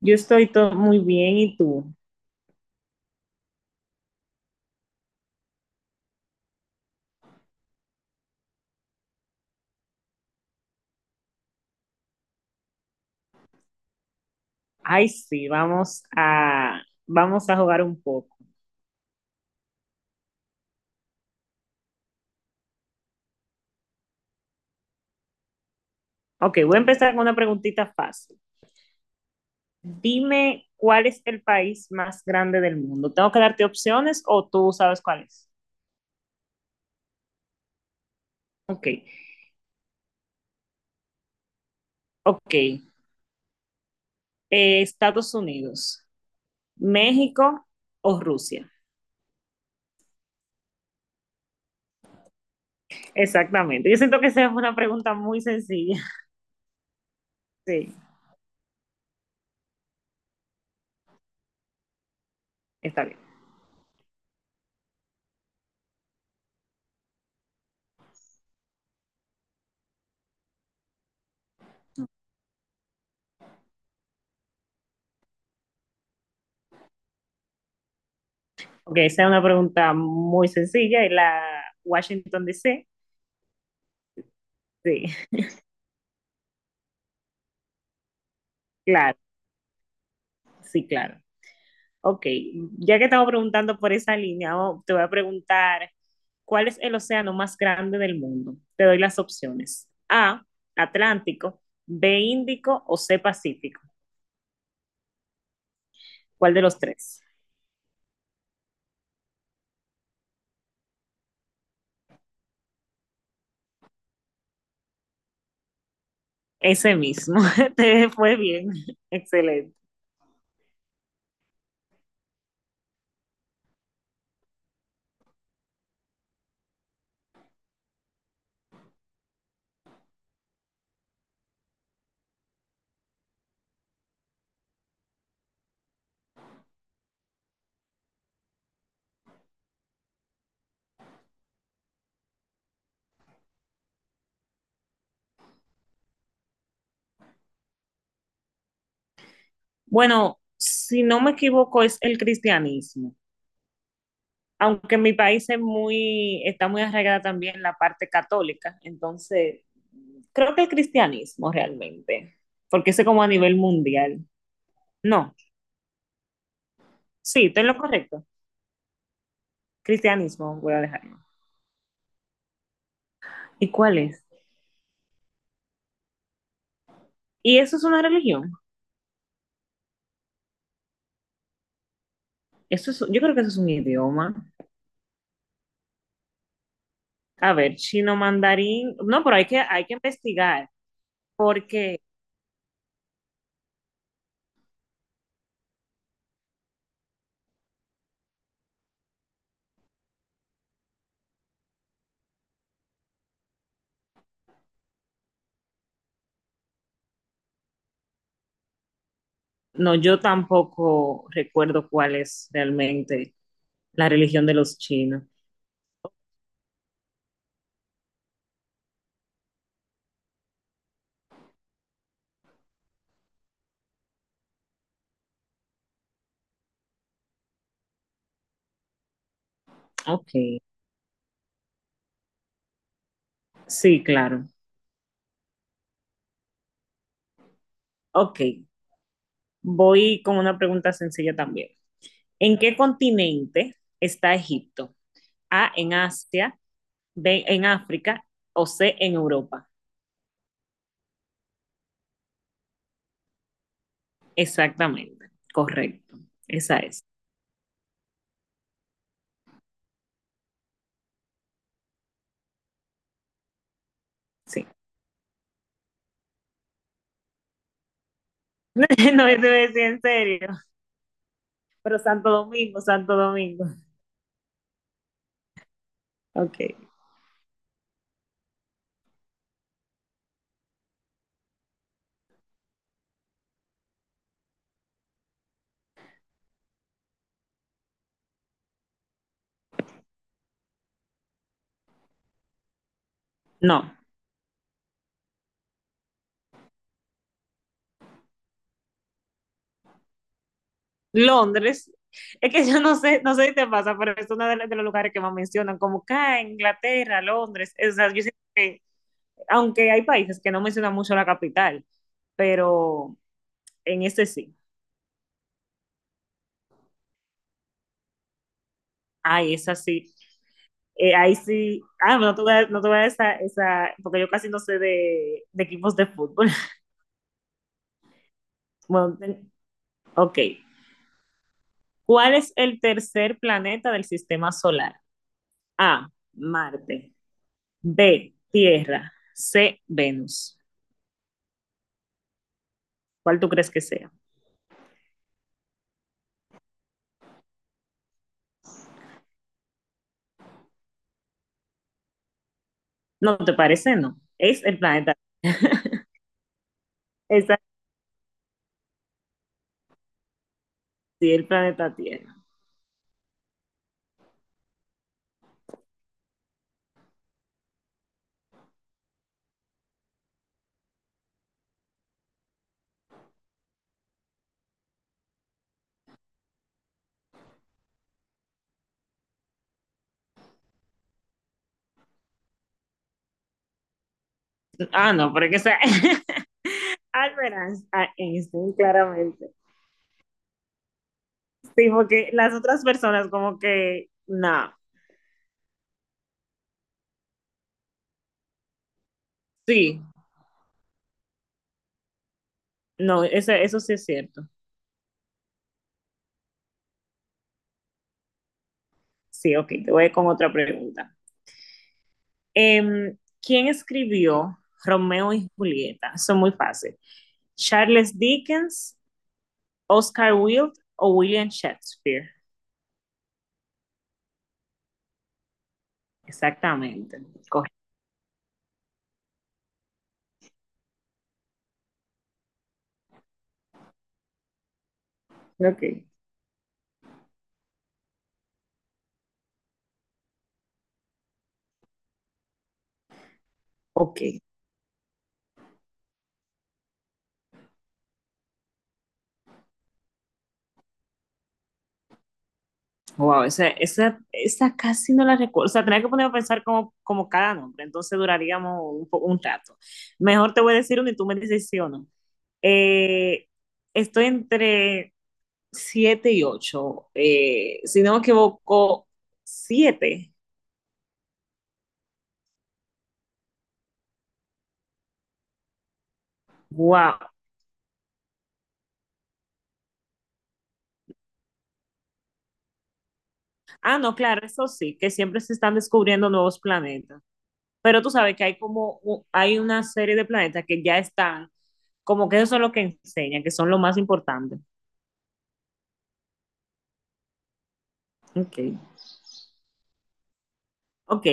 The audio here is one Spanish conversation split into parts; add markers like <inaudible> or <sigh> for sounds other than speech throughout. Yo estoy todo muy bien, ¿y tú? Ay, sí, vamos a jugar un poco. Ok, voy a empezar con una preguntita fácil. Dime cuál es el país más grande del mundo. ¿Tengo que darte opciones o tú sabes cuál es? Ok, ok. Estados Unidos, México o Rusia. Exactamente. Yo siento que esa es una pregunta muy sencilla. <laughs> Sí, está bien. Ok, esa es una pregunta muy sencilla. Y la Washington D. C. Sí, <laughs> claro, sí, claro. Ok, ya que estaba preguntando por esa línea, oh, te voy a preguntar, ¿cuál es el océano más grande del mundo? Te doy las opciones. A, Atlántico, B, Índico o C, Pacífico. ¿Cuál de los tres? Ese mismo. <laughs> Te fue bien. <laughs> Excelente. Bueno, si no me equivoco, es el cristianismo. Aunque en mi país está muy arraigada también la parte católica, entonces creo que el cristianismo realmente, porque ese como a nivel mundial. No, sí, estoy en lo correcto. Cristianismo, voy a dejarlo. ¿Y cuál es? ¿Y eso es una religión? Yo creo que eso es un idioma. A ver, chino mandarín. No, pero hay que investigar porque no, yo tampoco recuerdo cuál es realmente la religión de los chinos. Ok, sí, claro. Ok, voy con una pregunta sencilla también. ¿En qué continente está Egipto? A, en Asia, B, en África o C, en Europa. Exactamente, correcto. Esa es, sí. <laughs> No, eso decir en serio, pero Santo Domingo, Santo Domingo. Ok, no. Londres, es que yo no sé si te pasa, pero es de los lugares que más mencionan, como acá, Inglaterra, Londres. O sea, yo sé que, aunque hay países que no mencionan mucho la capital, pero en este sí. Ay, esa sí. Ahí sí. Ah, no tuve esa, porque yo casi no sé de equipos de fútbol. <laughs> Bueno, ten- Ok. ¿Cuál es el tercer planeta del sistema solar? A, Marte. B, Tierra. C, Venus. ¿Cuál tú crees que sea? ¿No te parece? No. Es el planeta. Esa, sí, el planeta Tierra. Ah, no, porque sea. <laughs> Albert Einstein, a Einstein, claramente. Sí, porque las otras personas, como que no. Sí. No, eso sí es cierto. Sí, ok, te voy con otra pregunta. Em, ¿Quién escribió Romeo y Julieta? Son muy fácil. Charles Dickens, Oscar Wilde o William Shakespeare. Exactamente. Correcto. Ok. Ok. Wow, esa casi no la recuerdo. O sea, tenía que ponerme a pensar como cada nombre, entonces duraríamos un rato. Mejor te voy a decir uno y tú me dices sí o no. Eh, Estoy entre 7 y ocho. Si no me equivoco, 7. Wow. Ah, no, claro, eso sí, que siempre se están descubriendo nuevos planetas. Pero tú sabes que hay una serie de planetas que ya están, como que eso es lo que enseña, que son lo más importante. Ok. Ok.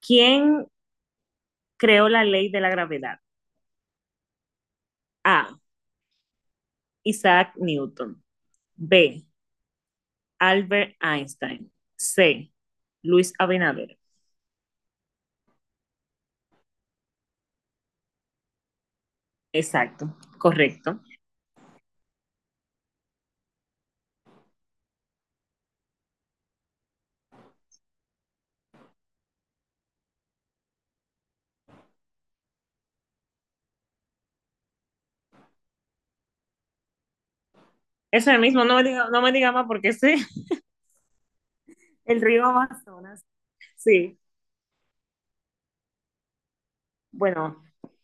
¿Quién creó la ley de la gravedad? A. Isaac Newton. B. Albert Einstein. C. Luis Abinader. Exacto, correcto. Eso es el mismo, no me diga, no me diga más porque sí. <laughs> El río Amazonas. Sí. Bueno,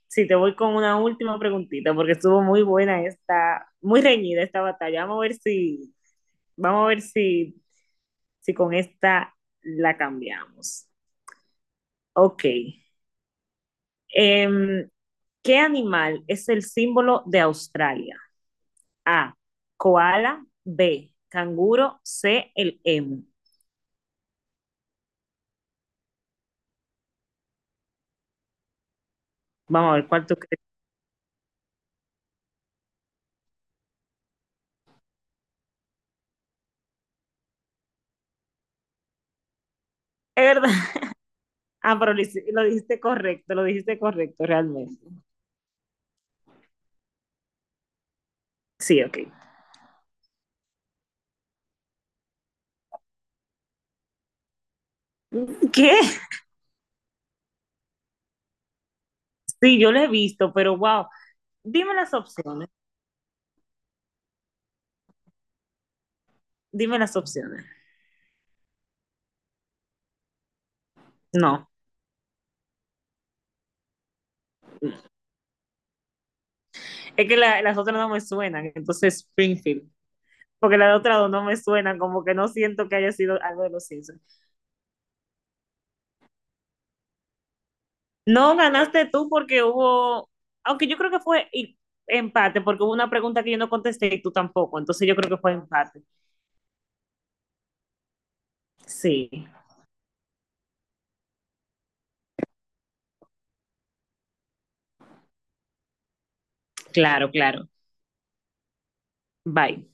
sí, te voy con una última preguntita porque estuvo muy buena esta, muy reñida esta batalla. Vamos a ver si, vamos a ver si, si con esta la cambiamos. Ok. Em, ¿Qué animal es el símbolo de Australia? A, koala, B, canguro, C, el emu. Vamos a ver cuál tú crees. Es verdad. <laughs> Ah, pero lo dijiste correcto realmente. Sí, ok. ¿Qué? Sí, yo lo he visto, pero wow, dime las opciones. Dime las opciones. No. Es que las otras no me suenan. Entonces, Springfield. Porque las otras dos no me suenan. Como que no siento que haya sido algo de los Simpsons. No ganaste tú porque hubo. Aunque yo creo que fue empate. Porque hubo una pregunta que yo no contesté y tú tampoco. Entonces, yo creo que fue empate. Sí. Claro, claro. Bye.